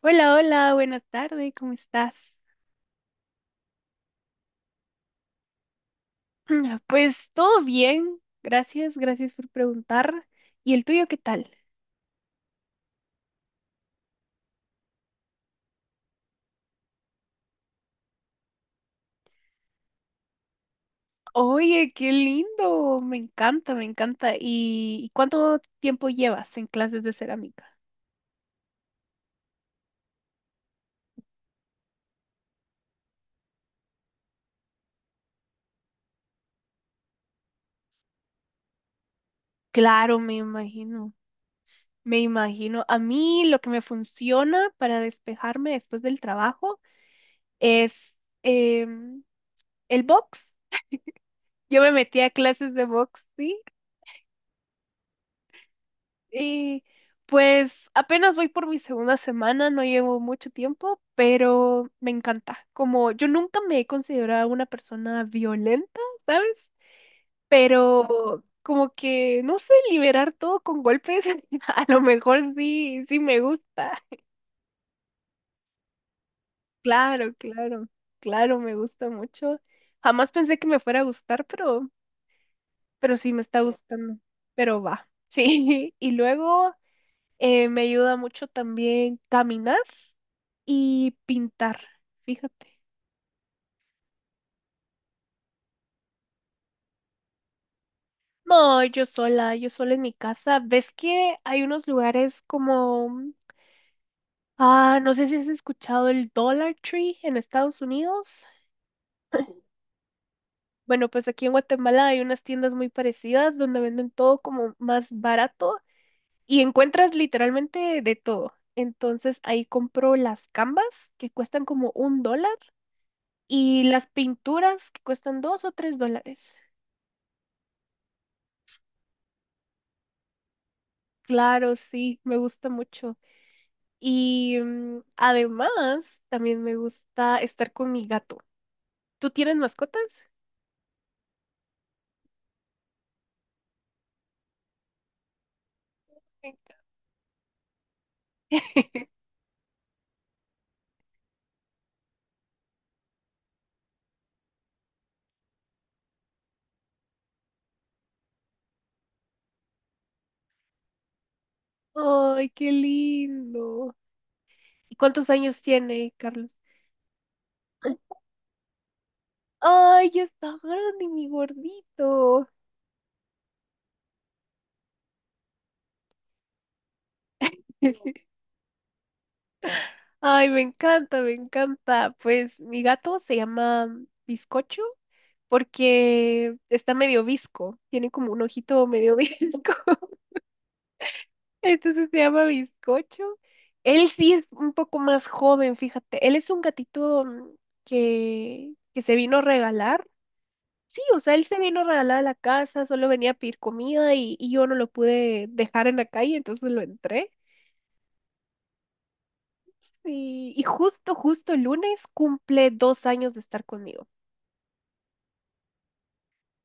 Hola, hola, buenas tardes, ¿cómo estás? Pues todo bien, gracias, gracias por preguntar. ¿Y el tuyo qué tal? Oye, qué lindo, me encanta, me encanta. ¿Y cuánto tiempo llevas en clases de cerámica? Claro, me imagino, me imagino. A mí lo que me funciona para despejarme después del trabajo es em, el box. Yo me metí a clases de box, sí. Y pues apenas voy por mi segunda semana, no llevo mucho tiempo, pero me encanta. Como yo nunca me he considerado una persona violenta, ¿sabes? Pero como que, no sé, liberar todo con golpes, a lo mejor sí, sí me gusta. Claro, claro, claro, me gusta mucho. Jamás pensé que me fuera a gustar, pero sí me está gustando. Pero va, sí. Y luego me ayuda mucho también caminar y pintar, fíjate. No, yo sola en mi casa. ¿Ves que hay unos lugares como, ah, no sé si has escuchado el Dollar Tree en Estados Unidos? Bueno, pues aquí en Guatemala hay unas tiendas muy parecidas donde venden todo como más barato y encuentras literalmente de todo. Entonces ahí compro las canvas que cuestan como un dólar y las pinturas que cuestan dos o tres dólares. Claro, sí, me gusta mucho. Y además, también me gusta estar con mi gato. ¿Tú tienes mascotas? Me encanta. Ay, qué lindo. ¿Y cuántos años tiene Carlos? Ay, ya está grande, mi gordito. Ay, me encanta, me encanta. Pues mi gato se llama Bizcocho porque está medio visco. Tiene como un ojito medio visco. Entonces se llama Bizcocho. Él sí es un poco más joven, fíjate. Él es un gatito que se vino a regalar. Sí, o sea, él se vino a regalar a la casa, solo venía a pedir comida y yo no lo pude dejar en la calle, entonces lo entré. Y justo, justo el lunes cumple 2 años de estar conmigo.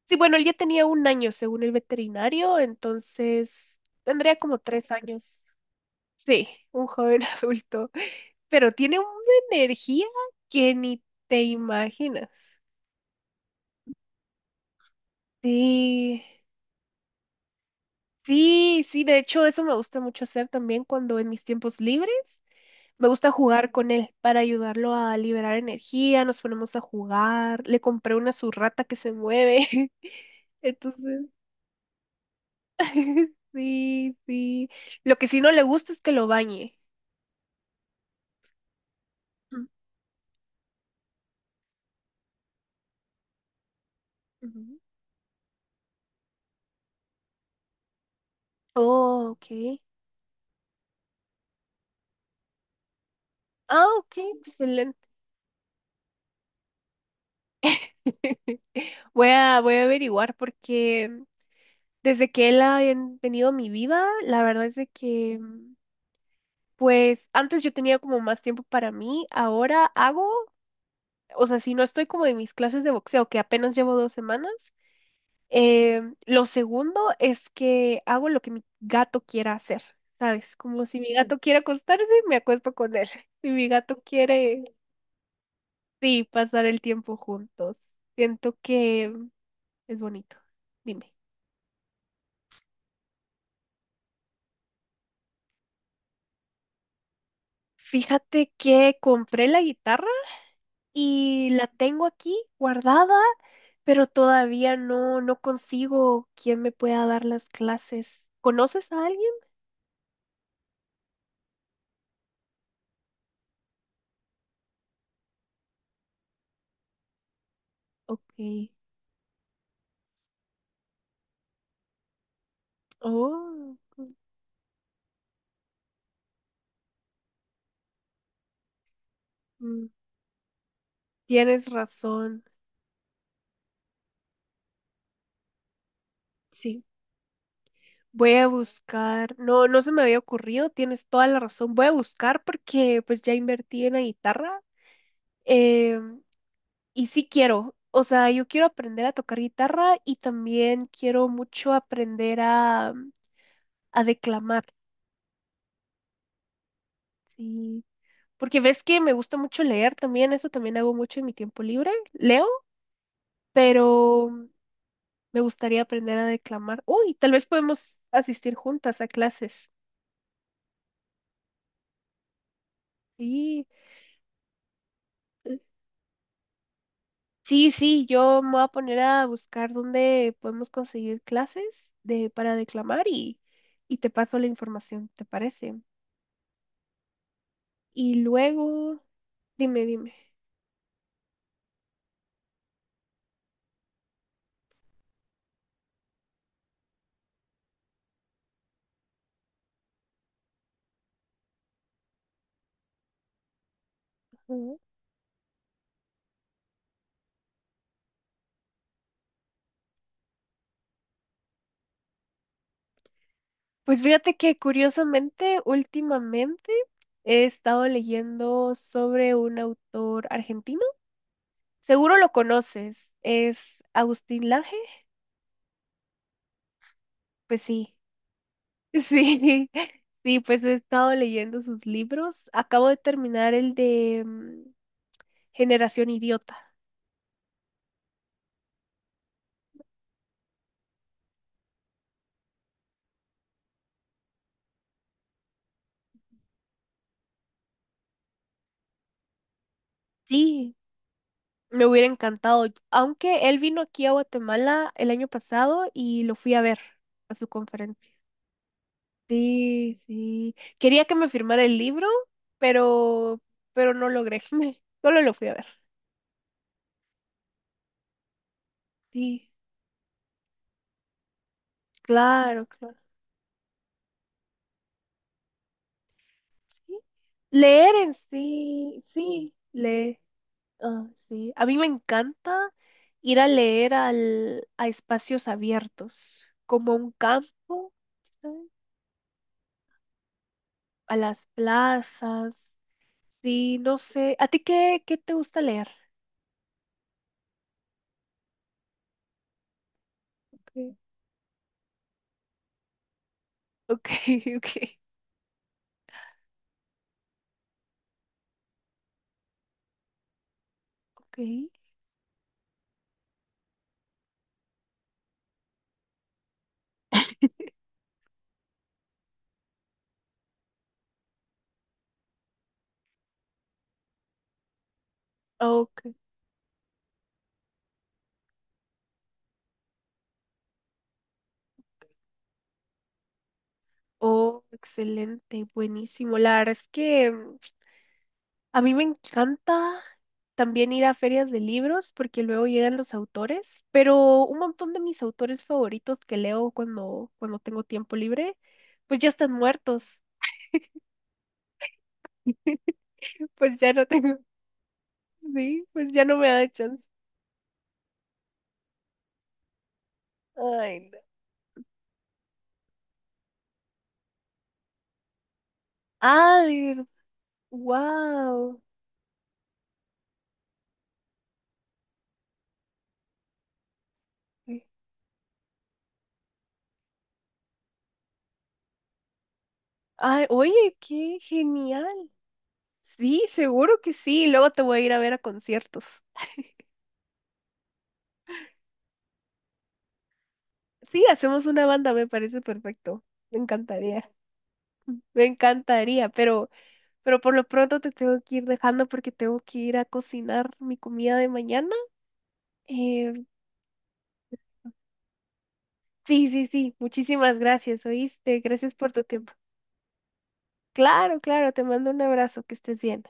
Sí, bueno, él ya tenía 1 año según el veterinario, entonces tendría como 3 años. Sí, un joven adulto, pero tiene una energía que ni te imaginas. Sí, sí, sí, de hecho eso me gusta mucho hacer también cuando en mis tiempos libres me gusta jugar con él para ayudarlo a liberar energía, nos ponemos a jugar, le compré una surrata que se mueve, entonces, sí, sí. Lo que sí no le gusta es que lo bañe. Mm, ujú. Oh, ok. Ah, ok, excelente. Voy a, voy a averiguar porque desde que él ha venido a mi vida, la verdad es de que, mm, pues antes yo tenía como más tiempo para mí, ahora hago, o sea, si no estoy como en mis clases de boxeo, que apenas llevo 2 semanas, lo segundo es que hago lo que mi gato quiera hacer, ¿sabes? Como si mi gato quiere acostarse, me acuesto con él. Si mi gato quiere, sí, pasar el tiempo juntos. Siento que es bonito. Dime. Fíjate que compré la guitarra y la tengo aquí guardada, pero todavía no, no consigo quien me pueda dar las clases. ¿Conoces a alguien? Ok. Oh, mm, tienes razón. Sí. Voy a buscar. No, no se me había ocurrido, tienes toda la razón. Voy a buscar porque pues ya invertí en la guitarra. em, y sí quiero. O sea, yo quiero aprender a tocar guitarra y también quiero mucho aprender a declamar, sí. Porque ves que me gusta mucho leer también, eso también hago mucho en mi tiempo libre, leo, pero me gustaría aprender a declamar. Uy, tal vez podemos asistir juntas a clases. Sí, sí, sí, yo me voy a poner a buscar dónde podemos conseguir clases de, para declamar y te paso la información, ¿te parece? Y luego, dime, dime. Pues fíjate que curiosamente, últimamente he estado leyendo sobre un autor argentino. Seguro lo conoces, es Agustín Lange. Pues sí, sí, sí, pues he estado leyendo sus libros. Acabo de terminar el de Generación Idiota. Sí, me hubiera encantado, aunque él vino aquí a Guatemala el año pasado y lo fui a ver a su conferencia. Sí, sí. Quería que me firmara el libro, pero, pero no logré. Solo lo fui a ver. Sí, claro, claro. Sí. Leer en sí, sí, leer. Ah, sí. A mí me encanta ir a leer al, a espacios abiertos, como a un campo, ¿sabes? A las plazas. Sí, no sé. ¿A ti qué, qué te gusta leer? Ok, ok, ok. Ok. Ok. Oh, excelente, buenísimo. La verdad es que a mí me encanta también ir a ferias de libros porque luego llegan los autores, pero un montón de mis autores favoritos que leo cuando, cuando tengo tiempo libre, pues ya están muertos. Pues ya no tengo, sí, pues ya no me da chance. Ay, no. Ay, wow. Ay, oye, qué genial. Sí, seguro que sí. Luego te voy a ir a ver a conciertos. Sí, hacemos una banda, me parece perfecto. Me encantaría. Me encantaría, pero por lo pronto te tengo que ir dejando porque tengo que ir a cocinar mi comida de mañana. Eh, sí, sí, sí. Muchísimas gracias, ¿oíste? Gracias por tu tiempo. Claro, claro, te mando un abrazo, que estés bien.